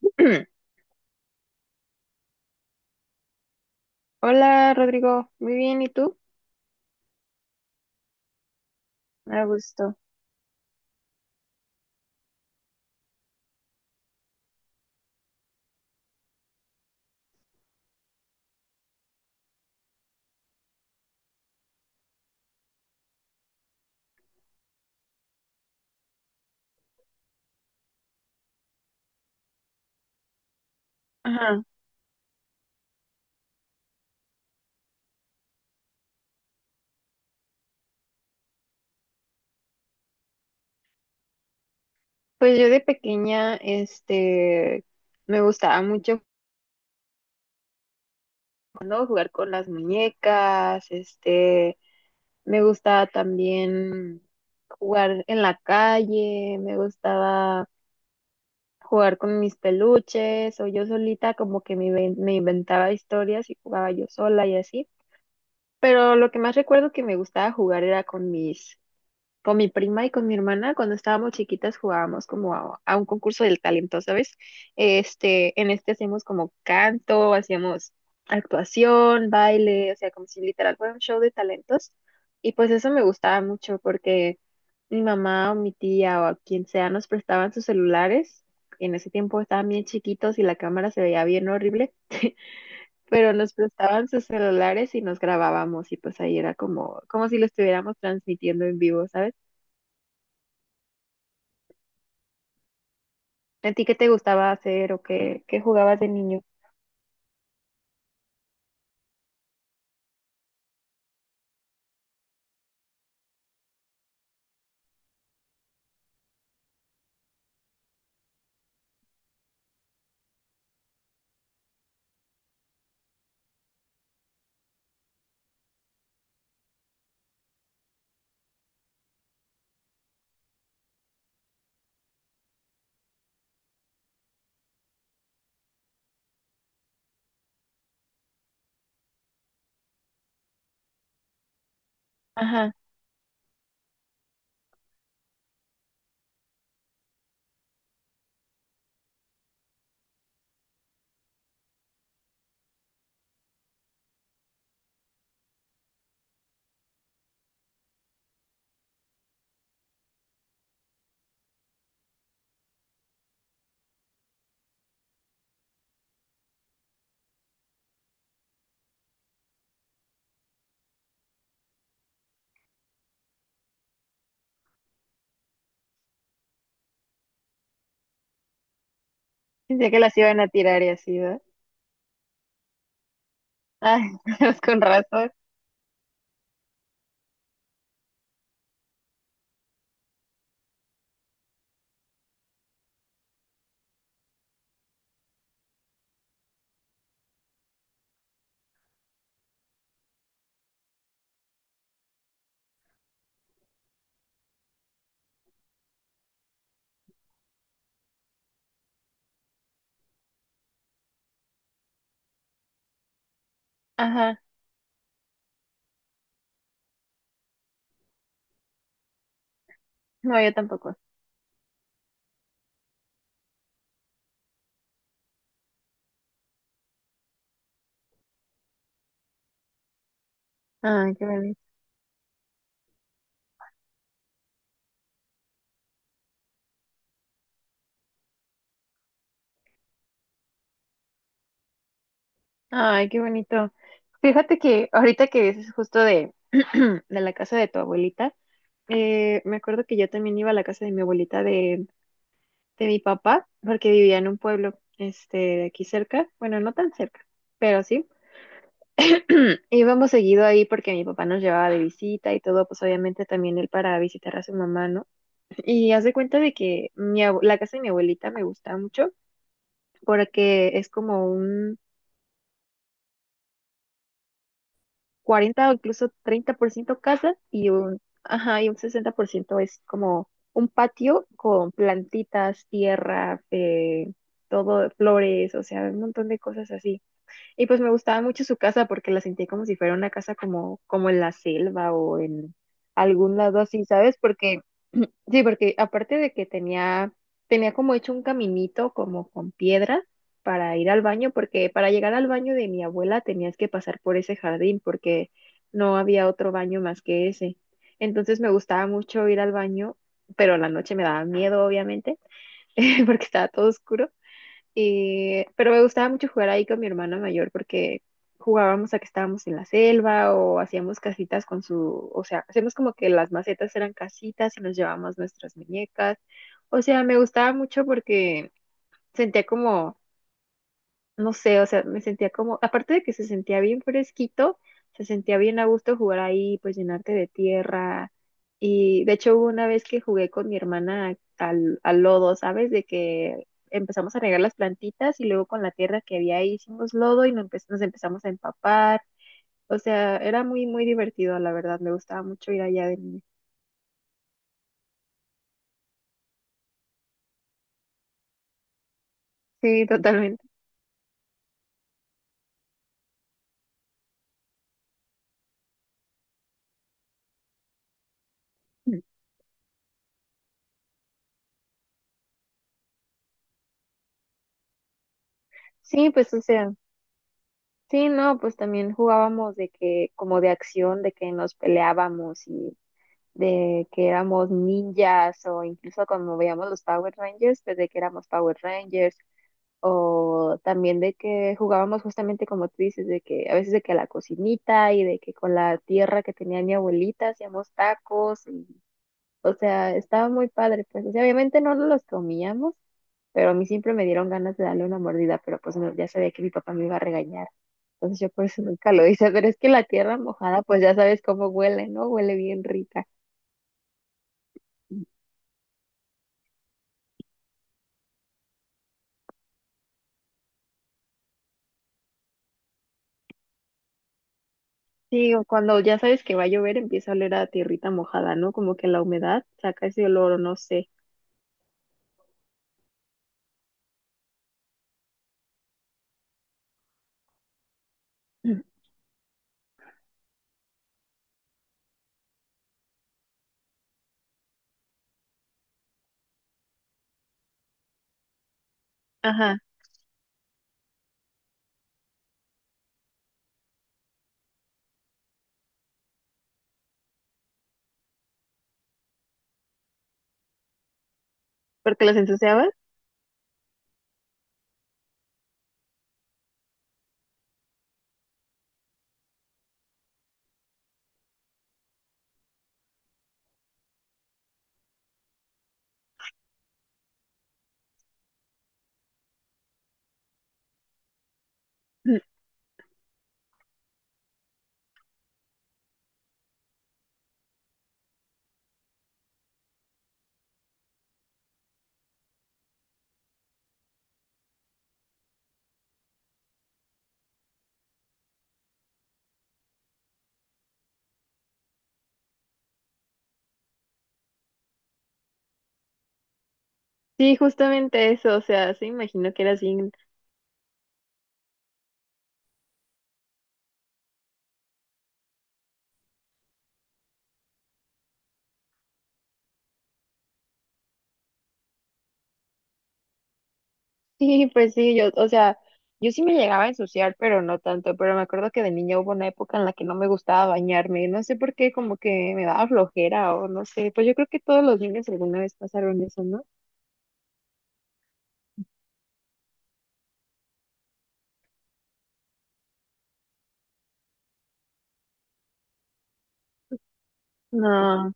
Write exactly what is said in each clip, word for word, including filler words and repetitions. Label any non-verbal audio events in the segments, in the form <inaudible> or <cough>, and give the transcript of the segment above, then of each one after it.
<clears throat> Hola Rodrigo, muy bien, ¿y tú? A gusto. Ajá. Pues yo de pequeña, este, me gustaba mucho, ¿no?, jugar con las muñecas. Este, me gustaba también jugar en la calle, me gustaba jugar con mis peluches o yo solita, como que me, inven- me inventaba historias y jugaba yo sola y así. Pero lo que más recuerdo que me gustaba jugar era con mis Con mi prima y con mi hermana. Cuando estábamos chiquitas, jugábamos como a, a un concurso del talento, ¿sabes? Este, en este hacíamos como canto, hacíamos actuación, baile, o sea, como si literal fuera un show de talentos. Y pues eso me gustaba mucho porque mi mamá o mi tía o a quien sea nos prestaban sus celulares. En ese tiempo estaban bien chiquitos y la cámara se veía bien horrible, <laughs> pero nos prestaban sus celulares y nos grabábamos y pues ahí era como, como si lo estuviéramos transmitiendo en vivo, ¿sabes? ¿A ti qué te gustaba hacer o qué, qué jugabas de niño? Ajá. Pensé que las iban a tirar y así, ¿verdad? Ay, <laughs> pues con razón. Ajá. No, yo tampoco. Ay, qué bonito. Ay, qué bonito. Fíjate que ahorita que dices justo de, <clears throat> de la casa de tu abuelita, eh, me acuerdo que yo también iba a la casa de mi abuelita de, de mi papá, porque vivía en un pueblo, este, de aquí cerca, bueno, no tan cerca, pero sí. <clears throat> Íbamos seguido ahí porque mi papá nos llevaba de visita y todo, pues obviamente también él para visitar a su mamá, ¿no? Y haz de cuenta de que mi abu- la casa de mi abuelita me gusta mucho porque es como un cuarenta o incluso treinta por ciento casa y un, ajá, y un sesenta por ciento es como un patio con plantitas, tierra, eh, todo, flores, o sea, un montón de cosas así. Y pues me gustaba mucho su casa porque la sentí como si fuera una casa como, como en la selva o en algún lado así, ¿sabes? Porque, <clears throat> sí, porque aparte de que tenía, tenía como hecho un caminito como con piedra para ir al baño, porque para llegar al baño de mi abuela tenías que pasar por ese jardín porque no había otro baño más que ese. Entonces me gustaba mucho ir al baño, pero en la noche me daba miedo, obviamente, <laughs> porque estaba todo oscuro. Eh, pero me gustaba mucho jugar ahí con mi hermana mayor porque jugábamos a que estábamos en la selva o hacíamos casitas con su, o sea, hacemos como que las macetas eran casitas y nos llevábamos nuestras muñecas. O sea, me gustaba mucho porque sentía como, no sé, o sea, me sentía como, aparte de que se sentía bien fresquito, se sentía bien a gusto jugar ahí, pues llenarte de tierra. Y de hecho hubo una vez que jugué con mi hermana al, al lodo, ¿sabes? De que empezamos a regar las plantitas y luego con la tierra que había ahí hicimos lodo y nos, empe- nos empezamos a empapar. O sea, era muy, muy divertido, la verdad. Me gustaba mucho ir allá de niña. Sí, totalmente. Sí, pues, o sea, sí, no, pues también jugábamos de que como de acción, de que nos peleábamos y de que éramos ninjas, o incluso cuando veíamos los Power Rangers, pues de que éramos Power Rangers, o también de que jugábamos justamente como tú dices, de que a veces de que a la cocinita, y de que con la tierra que tenía mi abuelita hacíamos tacos y, o sea, estaba muy padre, pues, o sea, obviamente no los comíamos, pero a mí siempre me dieron ganas de darle una mordida, pero pues no- ya sabía que mi papá me iba a regañar. Entonces yo por eso nunca lo hice, pero es que la tierra mojada, pues ya sabes cómo huele, ¿no? Huele bien rica. Sí, o cuando ya sabes que va a llover, empieza a oler a tierrita mojada, ¿no? Como que la humedad saca ese olor, o no sé. Mm. Ajá, porque los ensuciabas. Mm. Sí, justamente eso, o sea, se imagino que era así. <laughs> Sí, pues sí, yo, o sea, yo sí me llegaba a ensuciar, pero no tanto, pero me acuerdo que de niña hubo una época en la que no me gustaba bañarme, no sé por qué, como que me daba flojera o no sé, pues yo creo que todos los niños alguna vez pasaron eso, ¿no? No.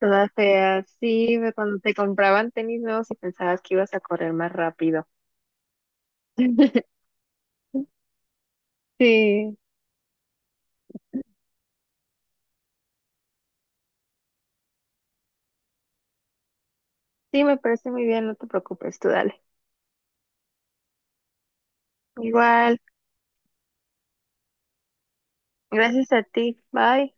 Toda fea. Sí, ve, cuando te compraban tenis nuevos y pensabas que ibas a correr más rápido. <laughs> Sí, sí, me parece muy bien, no te preocupes, tú dale. Igual, gracias a ti. Bye.